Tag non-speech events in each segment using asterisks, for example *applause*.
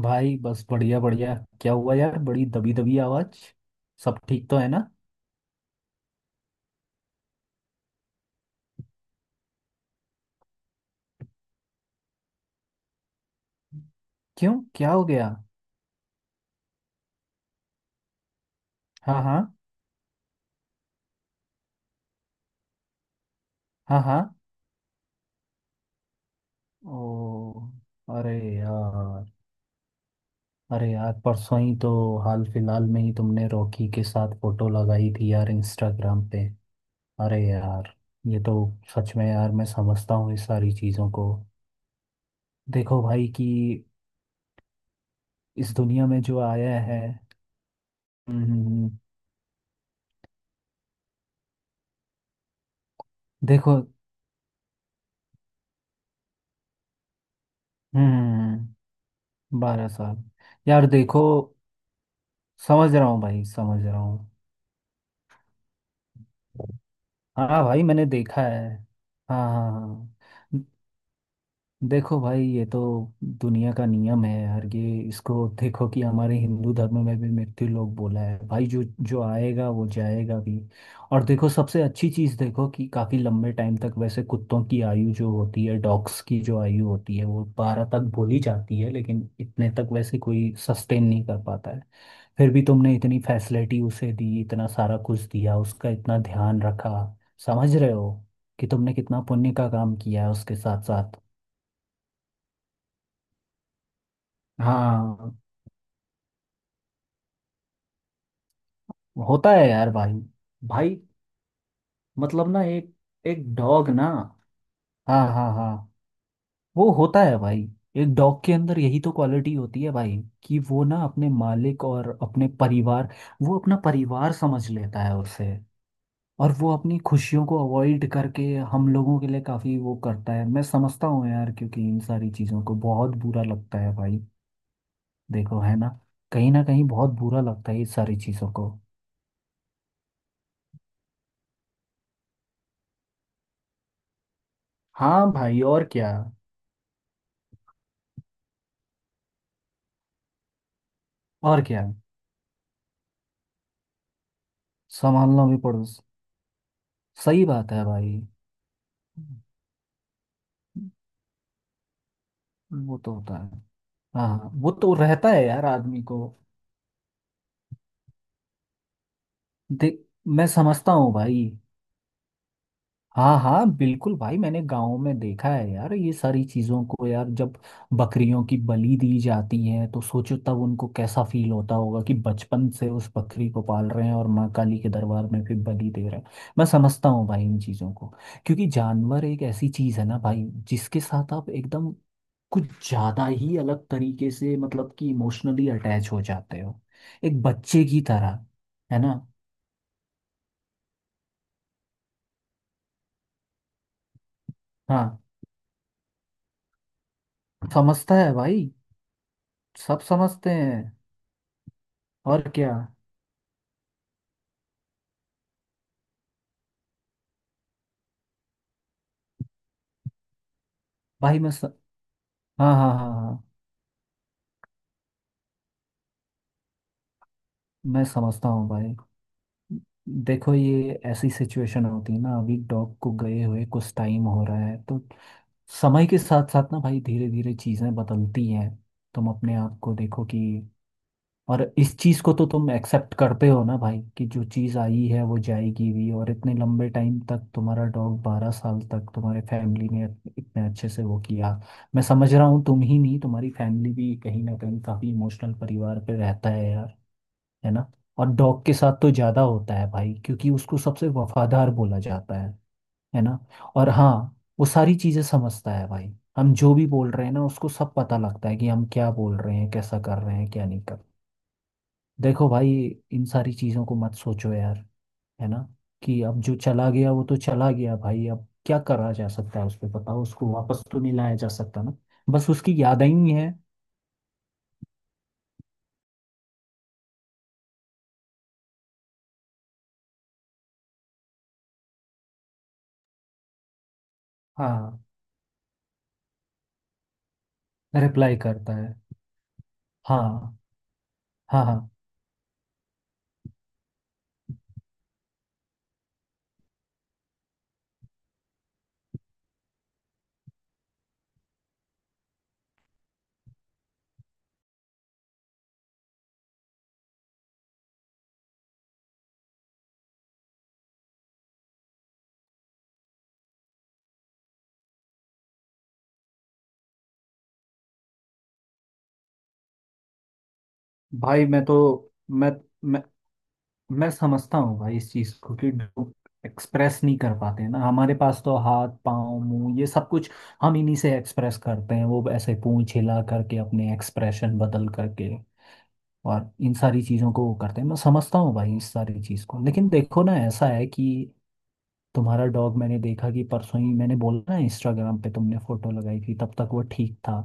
भाई बस बढ़िया बढ़िया। क्या हुआ यार, बड़ी दबी दबी आवाज। सब ठीक तो है ना? क्यों, क्या हो गया? हाँ, हाँ, हाँ, हाँ। ओ। अरे यार। अरे यार, परसों ही तो, हाल फिलहाल में ही तुमने रॉकी के साथ फोटो लगाई थी यार इंस्टाग्राम पे। अरे यार, ये तो। सच में यार, मैं समझता हूँ इस सारी चीज़ों को। देखो भाई कि इस दुनिया में जो आया है। हम्म। हम्म। हम्म। देखो। हम्म। 12 साल। यार देखो, समझ रहा हूँ भाई, समझ रहा हूँ। हाँ भाई, मैंने देखा है। हाँ, हाँ, हाँ। द- देखो भाई, ये तो दुनिया का नियम है यार। ये इसको देखो कि हमारे हिंदू धर्म में भी मृत्यु लोक बोला है भाई, जो जो आएगा वो जाएगा भी। और देखो, सबसे अच्छी चीज़ देखो कि काफ़ी लंबे टाइम तक, वैसे कुत्तों की आयु जो होती है, डॉग्स की जो आयु होती है वो 12 तक बोली जाती है, लेकिन इतने तक वैसे कोई सस्टेन नहीं कर पाता है। फिर भी तुमने इतनी फैसिलिटी उसे दी, इतना सारा कुछ दिया, उसका इतना ध्यान रखा। समझ रहे हो कि तुमने कितना पुण्य का काम किया है उसके साथ साथ। हाँ, होता है यार भाई। भाई मतलब ना एक, एक डॉग ना। हाँ, हाँ, हाँ। वो होता है भाई। एक डॉग के अंदर यही तो क्वालिटी होती है भाई, कि वो ना अपने मालिक और अपने परिवार, वो अपना परिवार समझ लेता है उसे। और वो अपनी खुशियों को अवॉइड करके हम लोगों के लिए काफी वो करता है। मैं समझता हूँ यार, क्योंकि इन सारी चीजों को बहुत बुरा लगता है भाई। देखो, है ना, कहीं ना कहीं बहुत बुरा लगता है ये सारी चीजों को। हाँ भाई, और क्या। और क्या। संभालना भी पड़ो। सही बात है भाई, वो तो होता है। हाँ, हाँ, वो तो रहता है यार आदमी को। देख, मैं समझता हूँ भाई। हाँ, हाँ, बिल्कुल भाई, मैंने गांव में देखा है यार ये सारी चीज़ों को यार। जब बकरियों की बलि दी जाती है तो सोचो तब उनको कैसा फील होता होगा, कि बचपन से उस बकरी को पाल रहे हैं और माँ काली के दरबार में फिर बलि दे रहे हैं। मैं समझता हूँ भाई इन चीज़ों को। क्योंकि जानवर एक ऐसी चीज़ है ना भाई, जिसके साथ आप एकदम कुछ ज़्यादा ही अलग तरीके से मतलब कि इमोशनली अटैच हो जाते हो, एक बच्चे की तरह। है ना। हाँ, समझता है भाई, सब समझते हैं। और क्या। भाई हाँ, हाँ, हाँ, हाँ। मैं समझता हूँ भाई। देखो, ये ऐसी सिचुएशन होती है ना, अभी डॉग को गए हुए कुछ टाइम हो रहा है, तो समय के साथ साथ ना भाई धीरे धीरे चीज़ें बदलती हैं। तुम अपने आप को देखो कि, और इस चीज को तो तुम एक्सेप्ट करते हो ना भाई, कि जो चीज आई है वो जाएगी भी। और इतने लंबे टाइम तक तुम्हारा डॉग 12 साल तक तुम्हारे फैमिली ने इतने अच्छे से वो किया। मैं समझ रहा हूँ, तुम ही नहीं तुम्हारी फैमिली भी कहीं ना कहीं काफी इमोशनल परिवार पे रहता है यार। है ना। और डॉग के साथ तो ज्यादा होता है भाई, क्योंकि उसको सबसे वफादार बोला जाता है। है ना। और हाँ, वो सारी चीजें समझता है भाई। हम जो भी बोल रहे हैं ना, उसको सब पता लगता है, कि हम क्या बोल रहे हैं, कैसा कर रहे हैं, क्या नहीं कर। देखो भाई, इन सारी चीजों को मत सोचो यार। है ना। कि अब जो चला गया वो तो चला गया भाई, अब क्या करा जा सकता है उस पे बताओ, उसको वापस तो नहीं लाया जा सकता ना। बस उसकी याद ही है। हाँ, रिप्लाई करता है। हाँ, हाँ, हाँ। भाई मैं तो मैं मैं मैं समझता हूँ भाई इस चीज को, कि एक्सप्रेस नहीं कर पाते हैं ना, हमारे पास तो हाथ पाँव मुंह ये सब कुछ, हम इन्हीं से एक्सप्रेस करते हैं, वो ऐसे पूंछ हिला करके, अपने एक्सप्रेशन बदल करके और इन सारी चीज़ों को वो करते हैं। मैं समझता हूँ भाई इस सारी चीज़ को, लेकिन देखो ना, ऐसा है कि तुम्हारा डॉग, मैंने देखा कि परसों ही मैंने बोला ना इंस्टाग्राम पे तुमने फोटो लगाई थी, तब तक वो ठीक था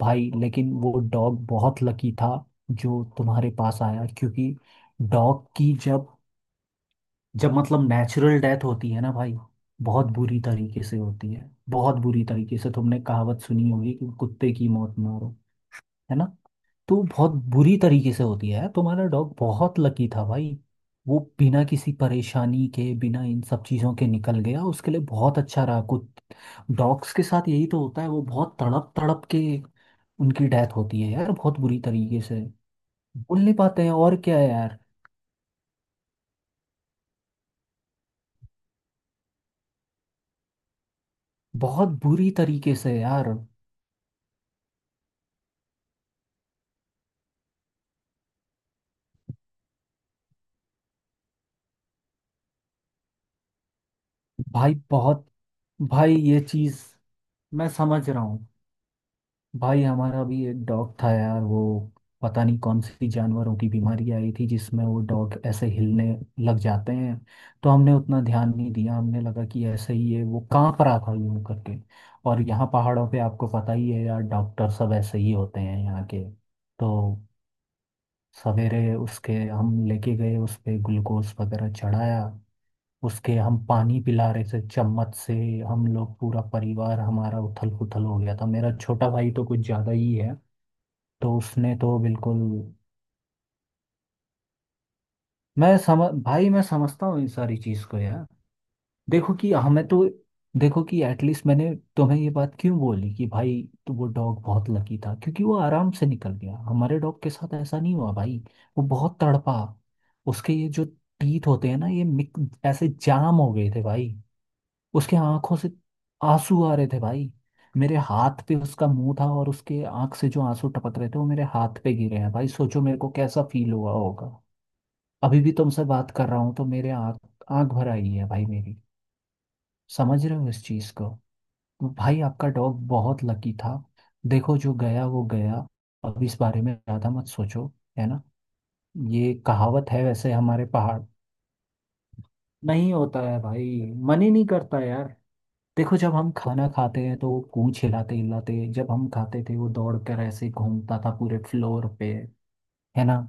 भाई। लेकिन वो डॉग बहुत लकी था जो तुम्हारे पास आया, क्योंकि डॉग की जब जब मतलब नेचुरल डेथ होती है ना भाई, बहुत बुरी तरीके से होती है। बहुत बुरी तरीके से। तुमने कहावत सुनी होगी कि कुत्ते की मौत मारो। है ना। तो बहुत बुरी तरीके से होती है। तुम्हारा डॉग बहुत लकी था भाई, वो बिना किसी परेशानी के, बिना इन सब चीज़ों के निकल गया, उसके लिए बहुत अच्छा रहा। कुछ डॉग्स के साथ यही तो होता है, वो बहुत तड़प तड़प के उनकी डेथ होती है यार, बहुत बुरी तरीके से। बोल नहीं पाते हैं और क्या है यार, बहुत बुरी तरीके से यार। भाई बहुत भाई, ये चीज़ मैं समझ रहा हूँ। भाई हमारा भी एक डॉग था यार। वो, पता नहीं कौन सी जानवरों की बीमारी आई थी, जिसमें वो डॉग ऐसे हिलने लग जाते हैं। तो हमने उतना ध्यान नहीं दिया, हमने लगा कि ऐसे ही है, वो कांप रहा था यूं करके। और यहाँ पहाड़ों पे आपको पता ही है यार, डॉक्टर सब ऐसे ही होते हैं यहाँ के। तो सवेरे उसके हम लेके गए, उस पे ग्लूकोज वगैरह चढ़ाया, उसके हम पानी पिला रहे थे चम्मच से। हम लोग पूरा परिवार हमारा उथल पुथल हो गया था, मेरा छोटा भाई तो कुछ ज़्यादा ही है, तो उसने तो बिल्कुल। मैं समझ भाई, मैं समझता हूँ इन सारी चीज़ को यार। देखो कि हमें तो, देखो कि एटलीस्ट मैंने तुम्हें ये बात क्यों बोली कि भाई, तो वो डॉग बहुत लकी था क्योंकि वो आराम से निकल गया। हमारे डॉग के साथ ऐसा नहीं हुआ भाई, वो बहुत तड़पा। उसके ये जो टीथ होते हैं ना, ये ऐसे जाम हो गए थे भाई। उसके आंखों से आंसू आ रहे थे भाई। मेरे हाथ पे उसका मुंह था और उसके आंख से जो आंसू टपक रहे थे वो मेरे हाथ पे गिरे हैं भाई, सोचो मेरे को कैसा फील हुआ होगा। अभी भी तुमसे बात कर रहा हूँ तो मेरे आँख, आँख भर आई है भाई मेरी। समझ रहे हो इस चीज़ को। भाई आपका डॉग बहुत लकी था। देखो, जो गया वो गया, अब इस बारे में ज़्यादा मत सोचो। है ना। ये कहावत है वैसे हमारे पहाड़। नहीं होता है भाई, मन ही नहीं करता यार। देखो, जब हम खाना खाते हैं तो वो पूंछ हिलाते हिलाते, जब हम खाते थे वो दौड़ कर ऐसे घूमता था पूरे फ्लोर पे। है ना।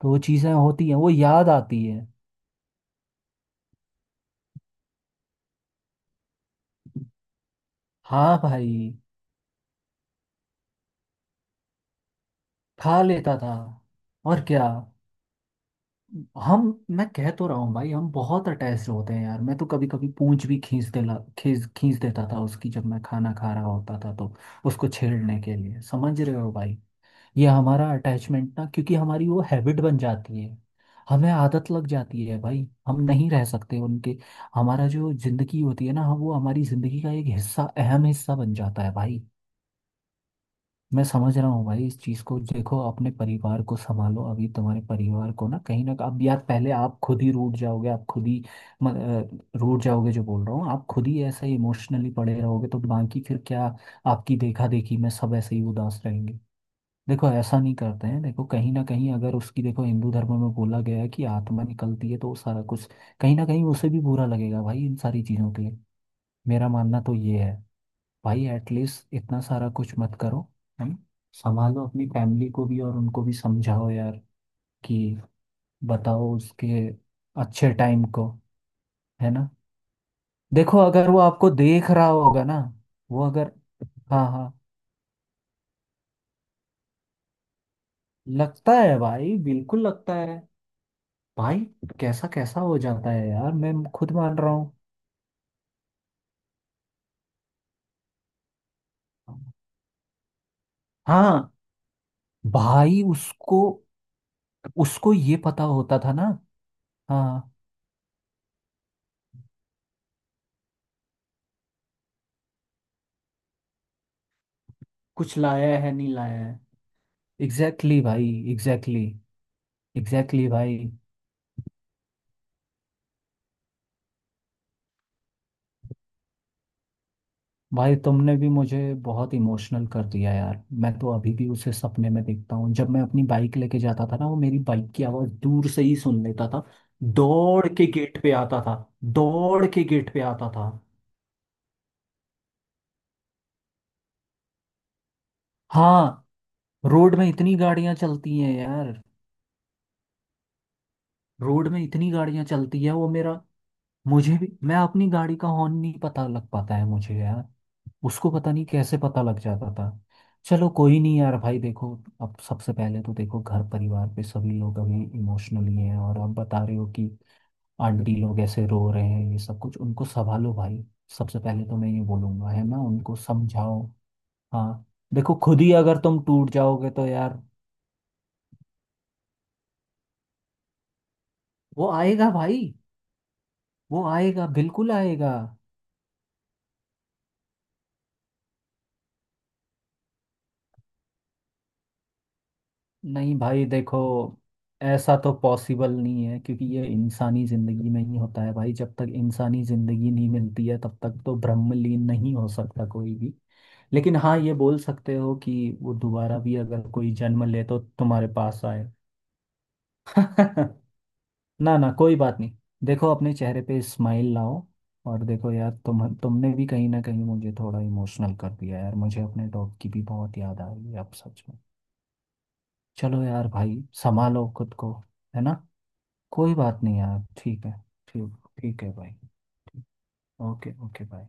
तो वो चीज़ें होती हैं, वो याद आती है। हाँ भाई, खा लेता था। और क्या। हम, मैं कह तो रहा हूँ भाई, हम बहुत अटैच्ड होते हैं यार। मैं तो कभी कभी पूंछ भी खींच देला खींच खींच देता था उसकी, जब मैं खाना खा रहा होता था तो उसको छेड़ने के लिए। समझ रहे हो भाई, ये हमारा अटैचमेंट ना, क्योंकि हमारी वो हैबिट बन जाती है, हमें आदत लग जाती है भाई। हम नहीं रह सकते उनके, हमारा जो जिंदगी होती है ना, हम वो, हमारी जिंदगी का एक हिस्सा अहम हिस्सा बन जाता है भाई। मैं समझ रहा हूँ भाई इस चीज़ को। देखो अपने परिवार को संभालो, अभी तुम्हारे परिवार को ना कहीं ना, अब यार पहले आप खुद ही रूठ जाओगे, आप खुद ही म- रूठ जाओगे, जो बोल रहा हूँ। आप खुद ही ऐसे इमोशनली पड़े रहोगे तो बाकी फिर क्या, आपकी देखा देखी में सब ऐसे ही उदास रहेंगे। देखो ऐसा नहीं करते हैं, देखो कहीं ना कहीं अगर उसकी, देखो हिंदू धर्म में बोला गया है कि आत्मा निकलती है तो वो सारा कुछ, कहीं ना कहीं उसे भी बुरा लगेगा भाई इन सारी चीज़ों के लिए। मेरा मानना तो ये है भाई, एटलीस्ट इतना सारा कुछ मत करो। है ना। संभालो अपनी फैमिली को भी और उनको भी समझाओ यार, कि बताओ उसके अच्छे टाइम को। है ना। देखो अगर वो आपको देख रहा होगा ना, वो अगर। हाँ, हाँ, लगता है भाई, बिल्कुल लगता है भाई। कैसा कैसा हो जाता है यार, मैं खुद मान रहा हूँ। हाँ भाई, उसको, उसको ये पता होता था ना। हाँ, कुछ लाया है नहीं लाया है। एग्जैक्टली भाई, एग्जैक्टली। एग्जैक्टली भाई। भाई तुमने भी मुझे बहुत इमोशनल कर दिया यार, मैं तो अभी भी उसे सपने में देखता हूँ। जब मैं अपनी बाइक लेके जाता था ना, वो मेरी बाइक की आवाज़ दूर से ही सुन लेता था, दौड़ के गेट पे आता था। दौड़ के गेट पे आता था। हाँ, रोड में इतनी गाड़ियाँ चलती हैं यार, रोड में इतनी गाड़ियाँ चलती है। वो मेरा मुझे भी, मैं अपनी गाड़ी का हॉर्न नहीं पता लग पाता है मुझे यार, उसको पता नहीं कैसे पता लग जाता था। चलो कोई नहीं यार भाई, देखो अब सबसे पहले तो देखो, घर परिवार पे सभी लोग अभी इमोशनली हैं और आप बता रहे हो कि आंटी लोग ऐसे रो रहे हैं, ये सब कुछ उनको संभालो भाई। सबसे पहले तो मैं ये बोलूंगा, है ना, उनको समझाओ। हाँ। देखो खुद ही अगर तुम टूट जाओगे तो यार। वो आएगा भाई, वो आएगा, बिल्कुल आएगा। नहीं भाई देखो, ऐसा तो पॉसिबल नहीं है, क्योंकि ये इंसानी जिंदगी में ही होता है भाई। जब तक इंसानी जिंदगी नहीं मिलती है तब तक तो ब्रह्मलीन नहीं हो सकता कोई भी। लेकिन हाँ, ये बोल सकते हो कि वो दोबारा भी अगर कोई जन्म ले तो तुम्हारे पास आए। *laughs* ना, ना, कोई बात नहीं। देखो अपने चेहरे पे स्माइल लाओ। और देखो यार, तुमने भी कहीं ना कहीं मुझे थोड़ा इमोशनल कर दिया यार, मुझे अपने डॉग की भी बहुत याद आ रही है अब सच में। चलो यार भाई, संभालो खुद को। है ना, कोई बात नहीं यार, ठीक है। ठीक, ठीक है भाई। ठीक। Okay, okay, bye.